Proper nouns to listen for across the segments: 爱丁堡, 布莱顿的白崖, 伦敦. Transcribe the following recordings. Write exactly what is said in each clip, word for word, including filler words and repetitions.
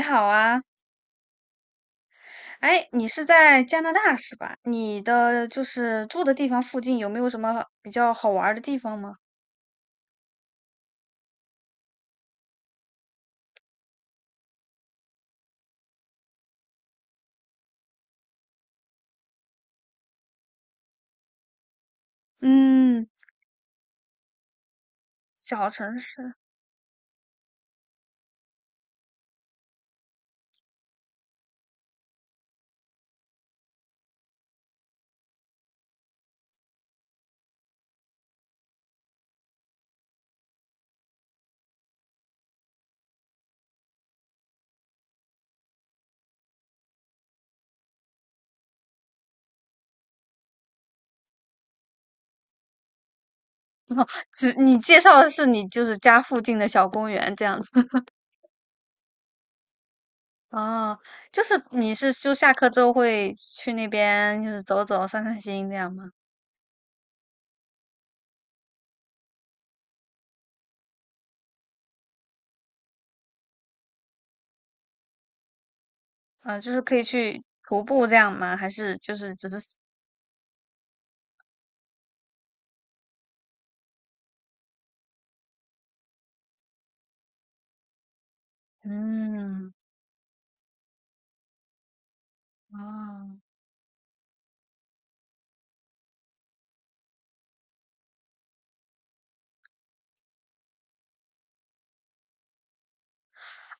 你好啊，哎，你是在加拿大是吧？你的就是住的地方附近有没有什么比较好玩儿的地方吗？嗯，小城市，哦，只你介绍的是你就是家附近的小公园这样子。哦，就是你是就下课之后会去那边就是走走散散心这样吗？嗯、就是可以去徒步这样吗？还是就是只是嗯哦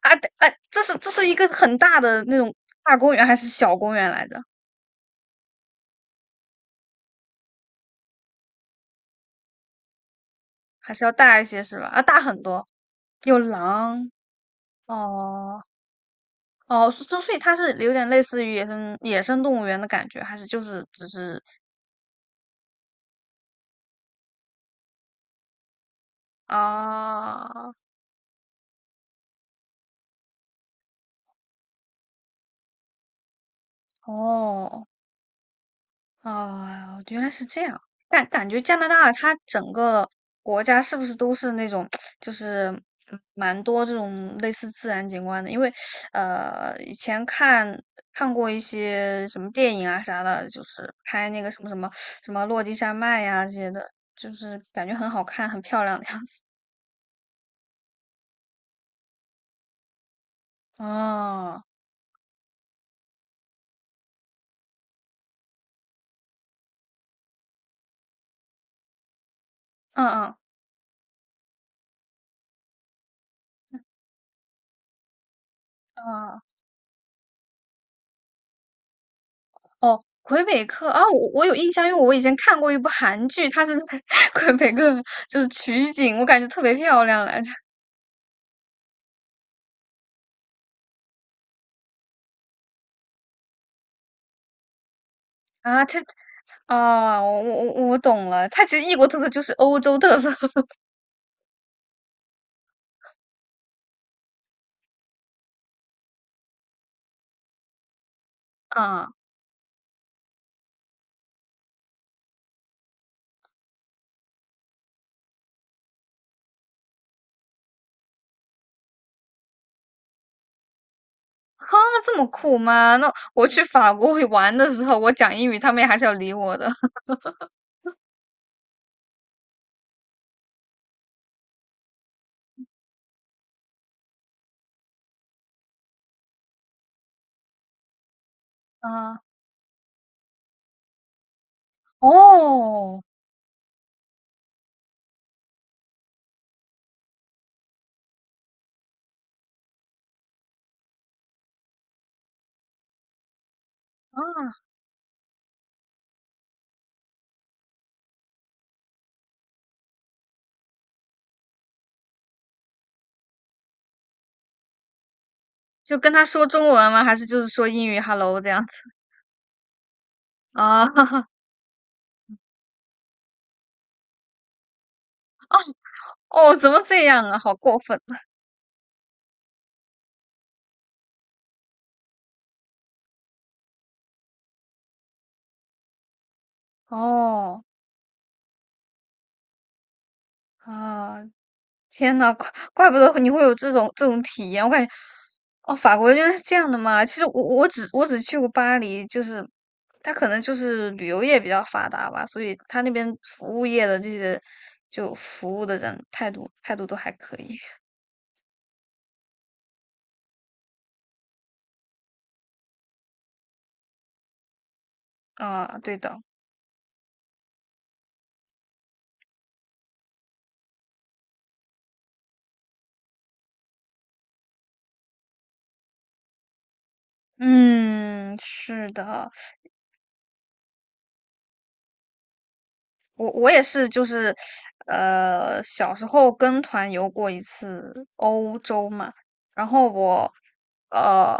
啊啊，这是这是一个很大的那种大公园还是小公园来着？还是要大一些是吧？啊，大很多，有狼哦哦，所所以它是有点类似于野生野生动物园的感觉，还是就是只是啊哦哦，原来是这样。但感觉加拿大它整个国家是不是都是那种，就是嗯蛮多这种类似自然景观的？因为呃，以前看看过一些什么电影啊啥的，就是拍那个什么什么什么落基山脉呀、这些的，就是感觉很好看、很漂亮的样子。哦，嗯嗯嗯。哦，魁北克啊，我我有印象，因为我以前看过一部韩剧，它是在 魁北克，就是取景，我感觉特别漂亮来着。啊，这啊，我我我懂了，它其实异国特色就是欧洲特色 啊，哈，这么酷吗？那我去法国会玩的时候，我讲英语，他们也还是要理我的 啊。哦，啊，就跟他说中文吗？还是就是说英语 “hello” 这样子啊？哦，怎么这样啊？好过分啊！哦，啊，天呐，怪怪不得你会有这种这种体验，我感觉，哦，法国原来是这样的嘛。其实我我只我只去过巴黎，就是它可能就是旅游业比较发达吧，所以它那边服务业的这些就服务的人态度态度都还可以啊。对的，嗯，是的，我我也是，就是呃，小时候跟团游过一次欧洲嘛，然后我。呃，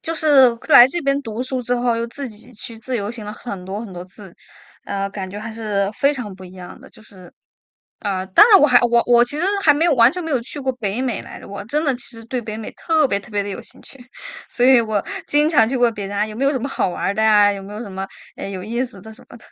就是来这边读书之后，又自己去自由行了很多很多次，呃，感觉还是非常不一样的。就是，啊、当然我还我我其实还没有完全没有去过北美来着，我真的其实对北美特别特别的有兴趣，所以我经常去问别人啊，有没有什么好玩儿的呀、有没有什么呃有意思的什么的，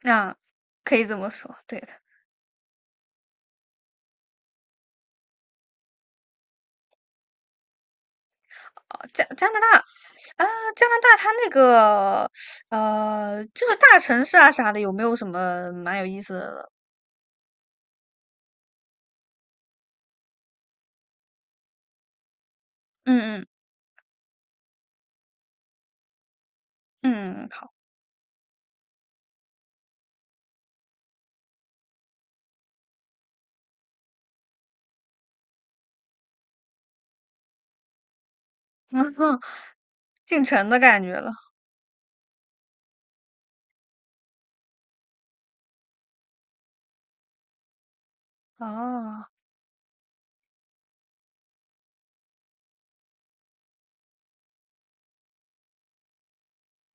那、可以这么说，对的。哦，加加拿大，啊、加拿大它那个呃，就是大城市啊啥的，有没有什么蛮有意思的？嗯嗯嗯，好，进城的感觉了。哦，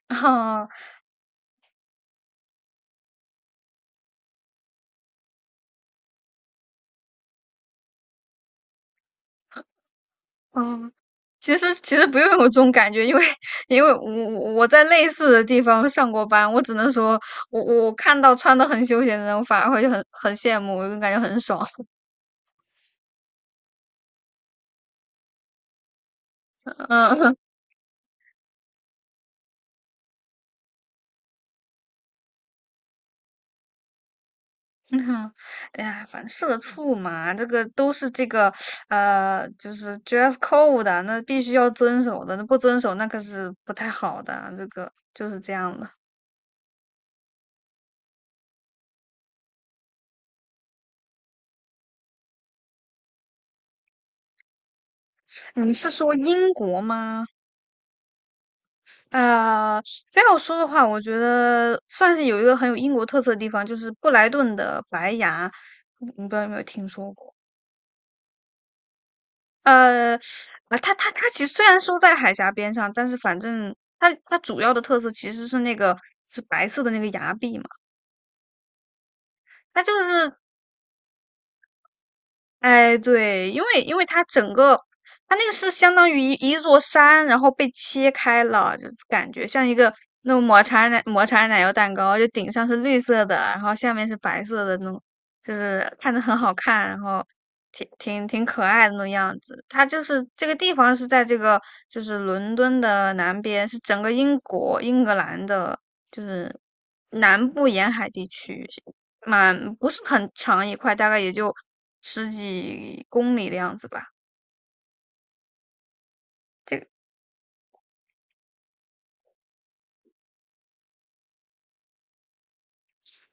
哦，嗯，其实其实不用有这种感觉，因为因为我我我在类似的地方上过班，我只能说我我看到穿的很休闲的人，我反而会很很羡慕，我就感觉很爽。嗯，嗯哎呀，反正社畜嘛，这个都是这个呃，就是 dress code 的，那必须要遵守的，那不遵守那可是不太好的啊，这个就是这样的。你是说英国吗？呃，非要说的话，我觉得算是有一个很有英国特色的地方，就是布莱顿的白崖，你不知道有没有听说过？呃，啊，它它它其实虽然说在海峡边上，但是反正它它主要的特色其实是那个是白色的那个崖壁嘛，它就是哎，对，因为因为它整个，它那个是相当于一一座山，然后被切开了，就是感觉像一个那种抹茶奶抹茶奶油蛋糕，就顶上是绿色的，然后下面是白色的那种，就是看着很好看，然后挺挺挺可爱的那种样子。它就是这个地方是在这个就是伦敦的南边，是整个英国英格兰的，就是南部沿海地区，蛮不是很长一块，大概也就十几公里的样子吧。这个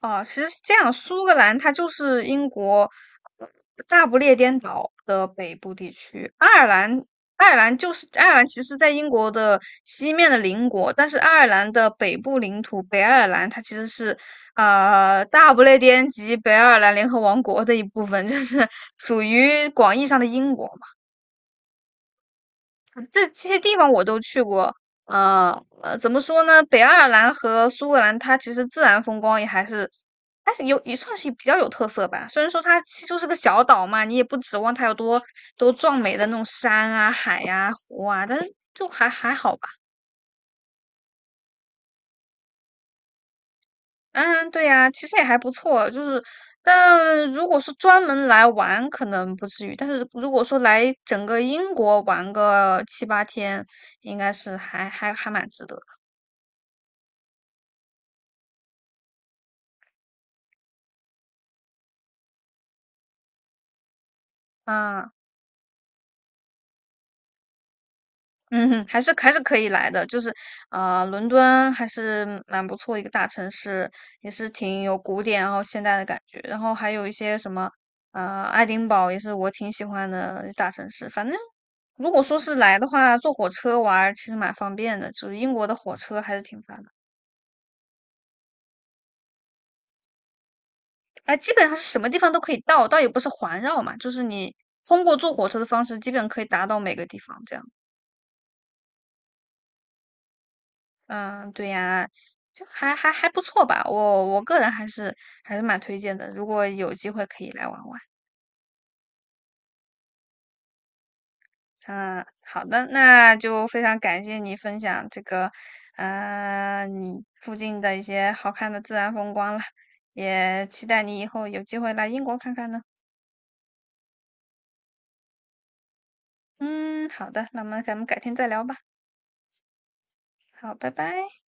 啊，其实是这样，苏格兰它就是英国呃大不列颠岛的北部地区，爱尔兰。爱尔兰就是爱尔兰，其实在英国的西面的邻国，但是爱尔兰的北部领土北爱尔兰，它其实是呃大不列颠及北爱尔兰联合王国的一部分，就是 属于广义上的英国。这这些地方我都去过。呃呃，怎么说呢？北爱尔兰和苏格兰，它其实自然风光也还是，还是有也算是比较有特色吧。虽然说它其实就是个小岛嘛，你也不指望它有多多壮美的那种山啊、海呀、湖啊，但是就还还好吧。嗯，对呀，其实也还不错。就是，但如果是专门来玩，可能不至于。但是如果说来整个英国玩个七八天，应该是还还还蛮值得的。嗯。嗯哼，还是还是可以来的，就是，啊，伦敦还是蛮不错一个大城市，也是挺有古典然后现代的感觉，然后还有一些什么，呃，爱丁堡也是我挺喜欢的大城市。反正如果说是来的话，坐火车玩儿其实蛮方便的，就是英国的火车还是挺发达的，哎，基本上是什么地方都可以到，倒也不是环绕嘛，就是你通过坐火车的方式，基本可以达到每个地方这样。嗯，对呀，就还还还不错吧，我我个人还是还是蛮推荐的，如果有机会可以来玩玩。嗯，好的，那就非常感谢你分享这个，呃，你附近的一些好看的自然风光了，也期待你以后有机会来英国看看呢。嗯，好的，那么咱们改天再聊吧。好，拜拜。